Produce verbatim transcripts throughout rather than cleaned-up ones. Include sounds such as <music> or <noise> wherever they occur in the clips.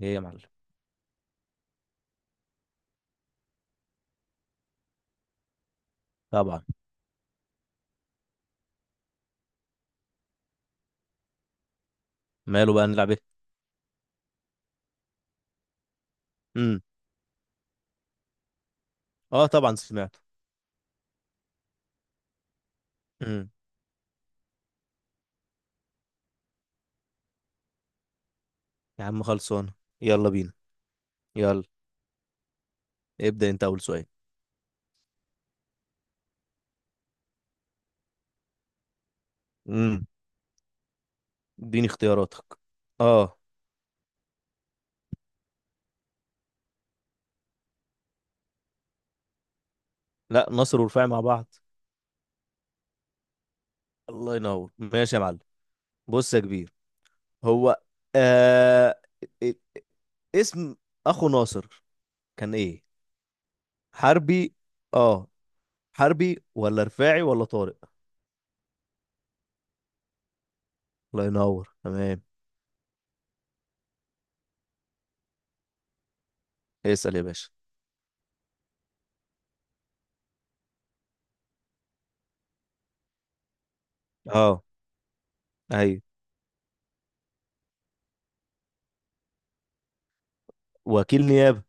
ايه يا معلم؟ طبعا. ماله، بقى نلعب ايه؟ امم اه طبعا سمعته. امم يا عم خلصان، يلا بينا. يلا ابدأ انت اول سؤال. امم اديني اختياراتك. اه لا، ناصر ورفاعي مع بعض. الله ينور، ماشي يا معلم. بص يا كبير، هو آه... ا- اسم اخو ناصر كان ايه؟ حربي اه. حربي ولا رفاعي ولا طارق؟ الله ينور، تمام. اسأل يا باشا. اه ايوه، وكيل نيابة.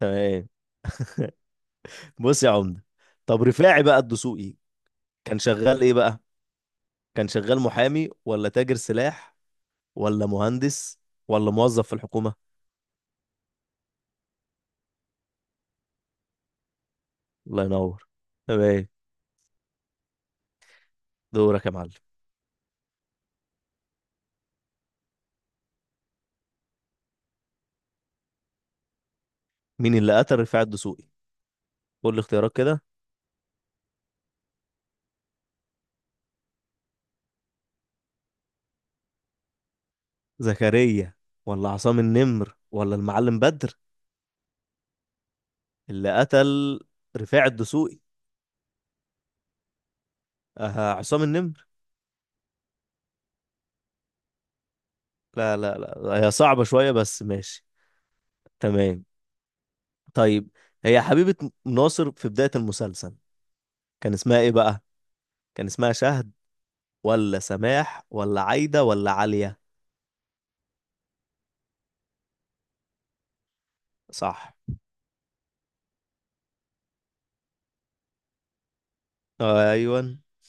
تمام. <laughs> بص يا عمده، طب رفاعي بقى الدسوقي كان شغال ايه بقى؟ كان شغال محامي ولا تاجر سلاح ولا مهندس ولا موظف في الحكومة؟ الله ينور، تمام. دورك يا معلم. مين اللي قتل رفاعي الدسوقي؟ قول لي اختيارات كده. زكريا ولا عصام النمر ولا المعلم بدر؟ اللي قتل رفاعي الدسوقي آه عصام النمر. لا لا لا، هي صعبة شوية بس ماشي. تمام. طيب، هي حبيبة ناصر في بداية المسلسل كان اسمها ايه بقى؟ كان اسمها شهد ولا سماح ولا عايدة ولا عالية؟ صح، ايوه. الله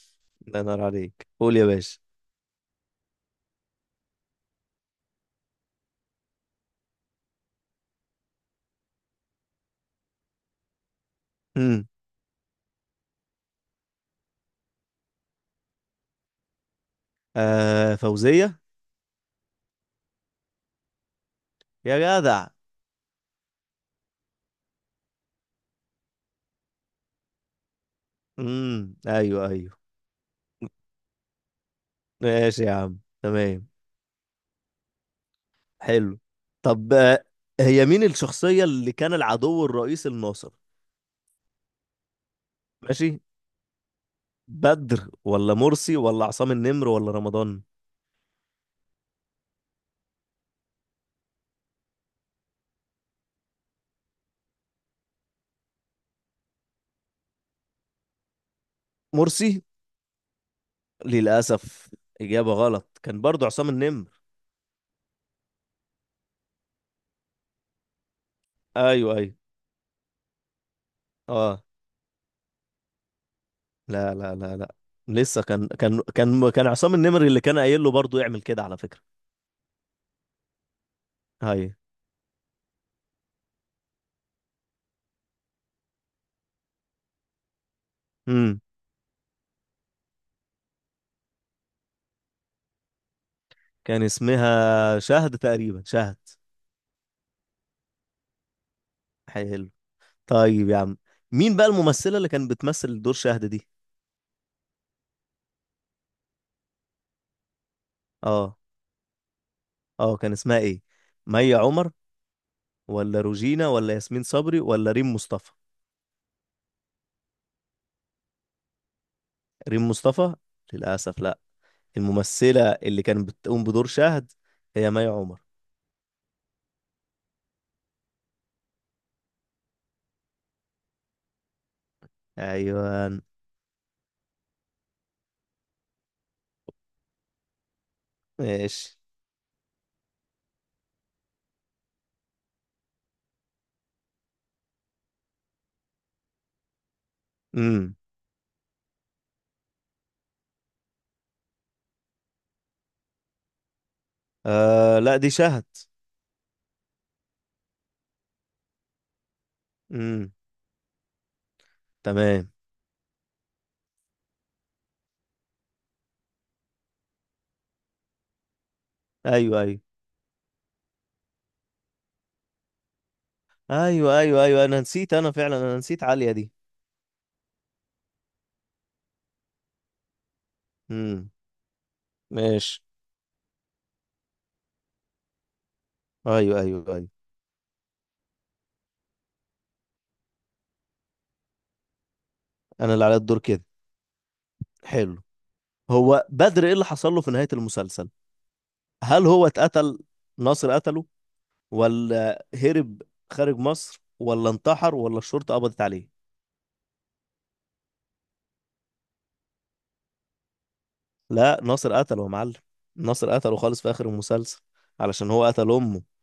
ينور عليك، قول يا باشا. امم آه فوزية. يا جدع. امم ايوه ايوه. ماشي يا عم، تمام، حلو. طب آه، هي مين الشخصية اللي كان العدو الرئيسي لناصر؟ ماشي. بدر ولا مرسي ولا عصام النمر ولا رمضان؟ مرسي. للأسف إجابة غلط، كان برضو عصام النمر. ايوه ايوه اه. لا لا لا لا، لسه كان كان كان كان عصام النمري اللي كان قايل له برضه يعمل كده على فكرة. هاي. امم كان اسمها شهد تقريبا، شهد. حلو. طيب يا عم، مين بقى الممثلة اللي كانت بتمثل دور شهد دي؟ اه اه كان اسمها ايه؟ مي عمر ولا روجينا ولا ياسمين صبري ولا ريم مصطفى؟ ريم مصطفى. للأسف لا، الممثلة اللي كانت بتقوم بدور شهد هي مي عمر. ايوه. ماشي. امم آه لا، دي شهد. امم تمام. ايوه ايوه ايوه. ايوه ايوه، انا نسيت، انا فعلا انا نسيت عالية دي. امم ماشي. ايوه ايوه ايوه. انا اللي عليا الدور كده. حلو. هو بدر ايه اللي حصل له في نهاية المسلسل؟ هل هو اتقتل؟ ناصر قتله ولا هرب خارج مصر ولا انتحر ولا الشرطة قبضت عليه؟ لا، ناصر قتله يا معلم، ناصر قتله خالص في اخر المسلسل علشان هو قتل امه.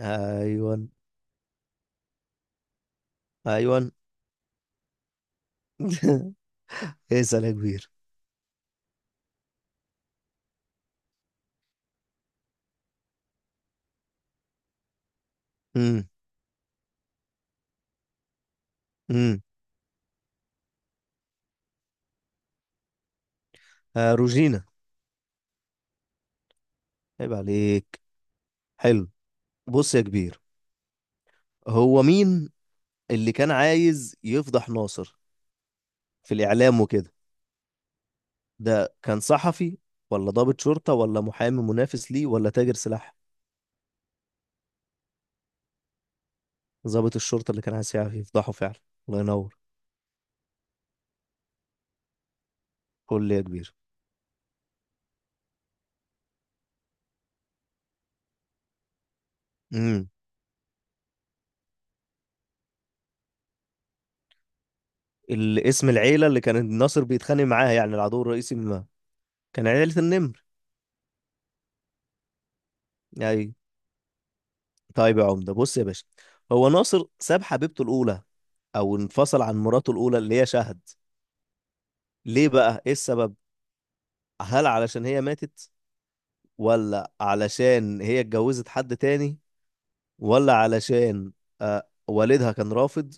ايوه ايوه. <laughs> اسال يا كبير. امم امم آه روجينا. عيب عليك. حلو. بص يا كبير، هو مين اللي كان عايز يفضح ناصر في الإعلام وكده؟ ده كان صحفي ولا ضابط شرطة ولا محامي منافس ليه ولا تاجر سلاح؟ ضابط الشرطة، اللي كان عايز يعرف يفضحه فعلا. الله ينور. قول لي يا كبير. امم الاسم العيلة اللي كان ناصر بيتخانق معاها، يعني العدو الرئيسي، ما كان عيلة النمر يعني. طيب يا عمدة، بص يا باشا، هو ناصر ساب حبيبته الأولى أو انفصل عن مراته الأولى اللي هي شهد ليه بقى؟ إيه السبب؟ هل علشان هي ماتت، ولا علشان هي اتجوزت حد تاني، ولا علشان آه والدها كان رافض،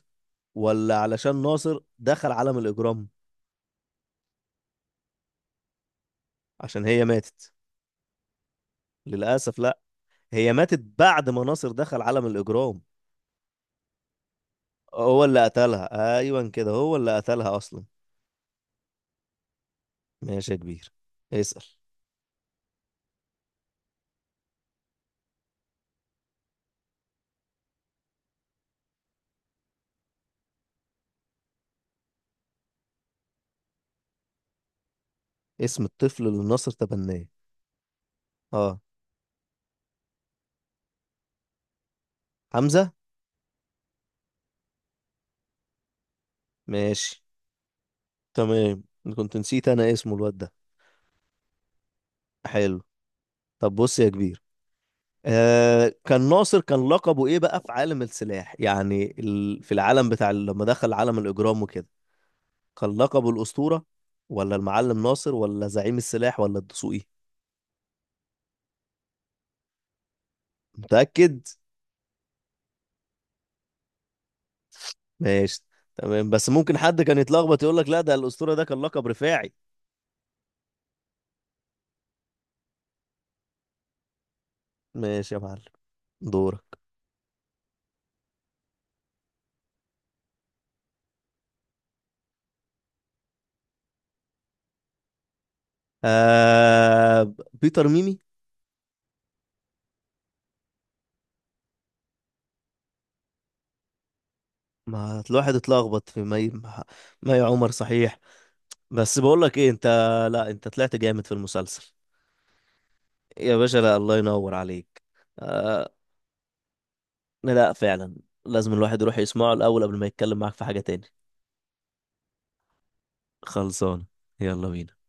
ولا علشان ناصر دخل عالم الإجرام؟ عشان هي ماتت. للأسف لا، هي ماتت بعد ما ناصر دخل عالم الإجرام، هو اللي قتلها، أيوة كده، هو اللي قتلها أصلا. ماشي يا كبير، اسأل. اسم الطفل اللي ناصر تبناه اه حمزة. ماشي. تمام. كنت نسيت أنا اسمه الواد ده. حلو. طب بص يا كبير، آه كان ناصر كان لقبه ايه بقى في عالم السلاح، يعني ال... في العالم بتاع ال- لما دخل عالم الاجرام وكده؟ كان لقبه الاسطوره ولا المعلم ناصر ولا زعيم السلاح ولا الدسوقي؟ متاكد؟ ماشي، تمام. بس ممكن حد كان يتلخبط يقول لك لا، ده الاسطوره ده كان لقب رفاعي. ماشي يا معلم، دورك. آه بيتر ميمي. ما الواحد اتلخبط في مي، ما ما يا عمر صحيح. بس بقول لك ايه انت، لا انت طلعت جامد في المسلسل يا باشا، لا الله ينور عليك. آه لا فعلا، لازم الواحد يروح يسمعه الأول قبل ما يتكلم معاك في حاجة تاني. خلصان، يلا بينا.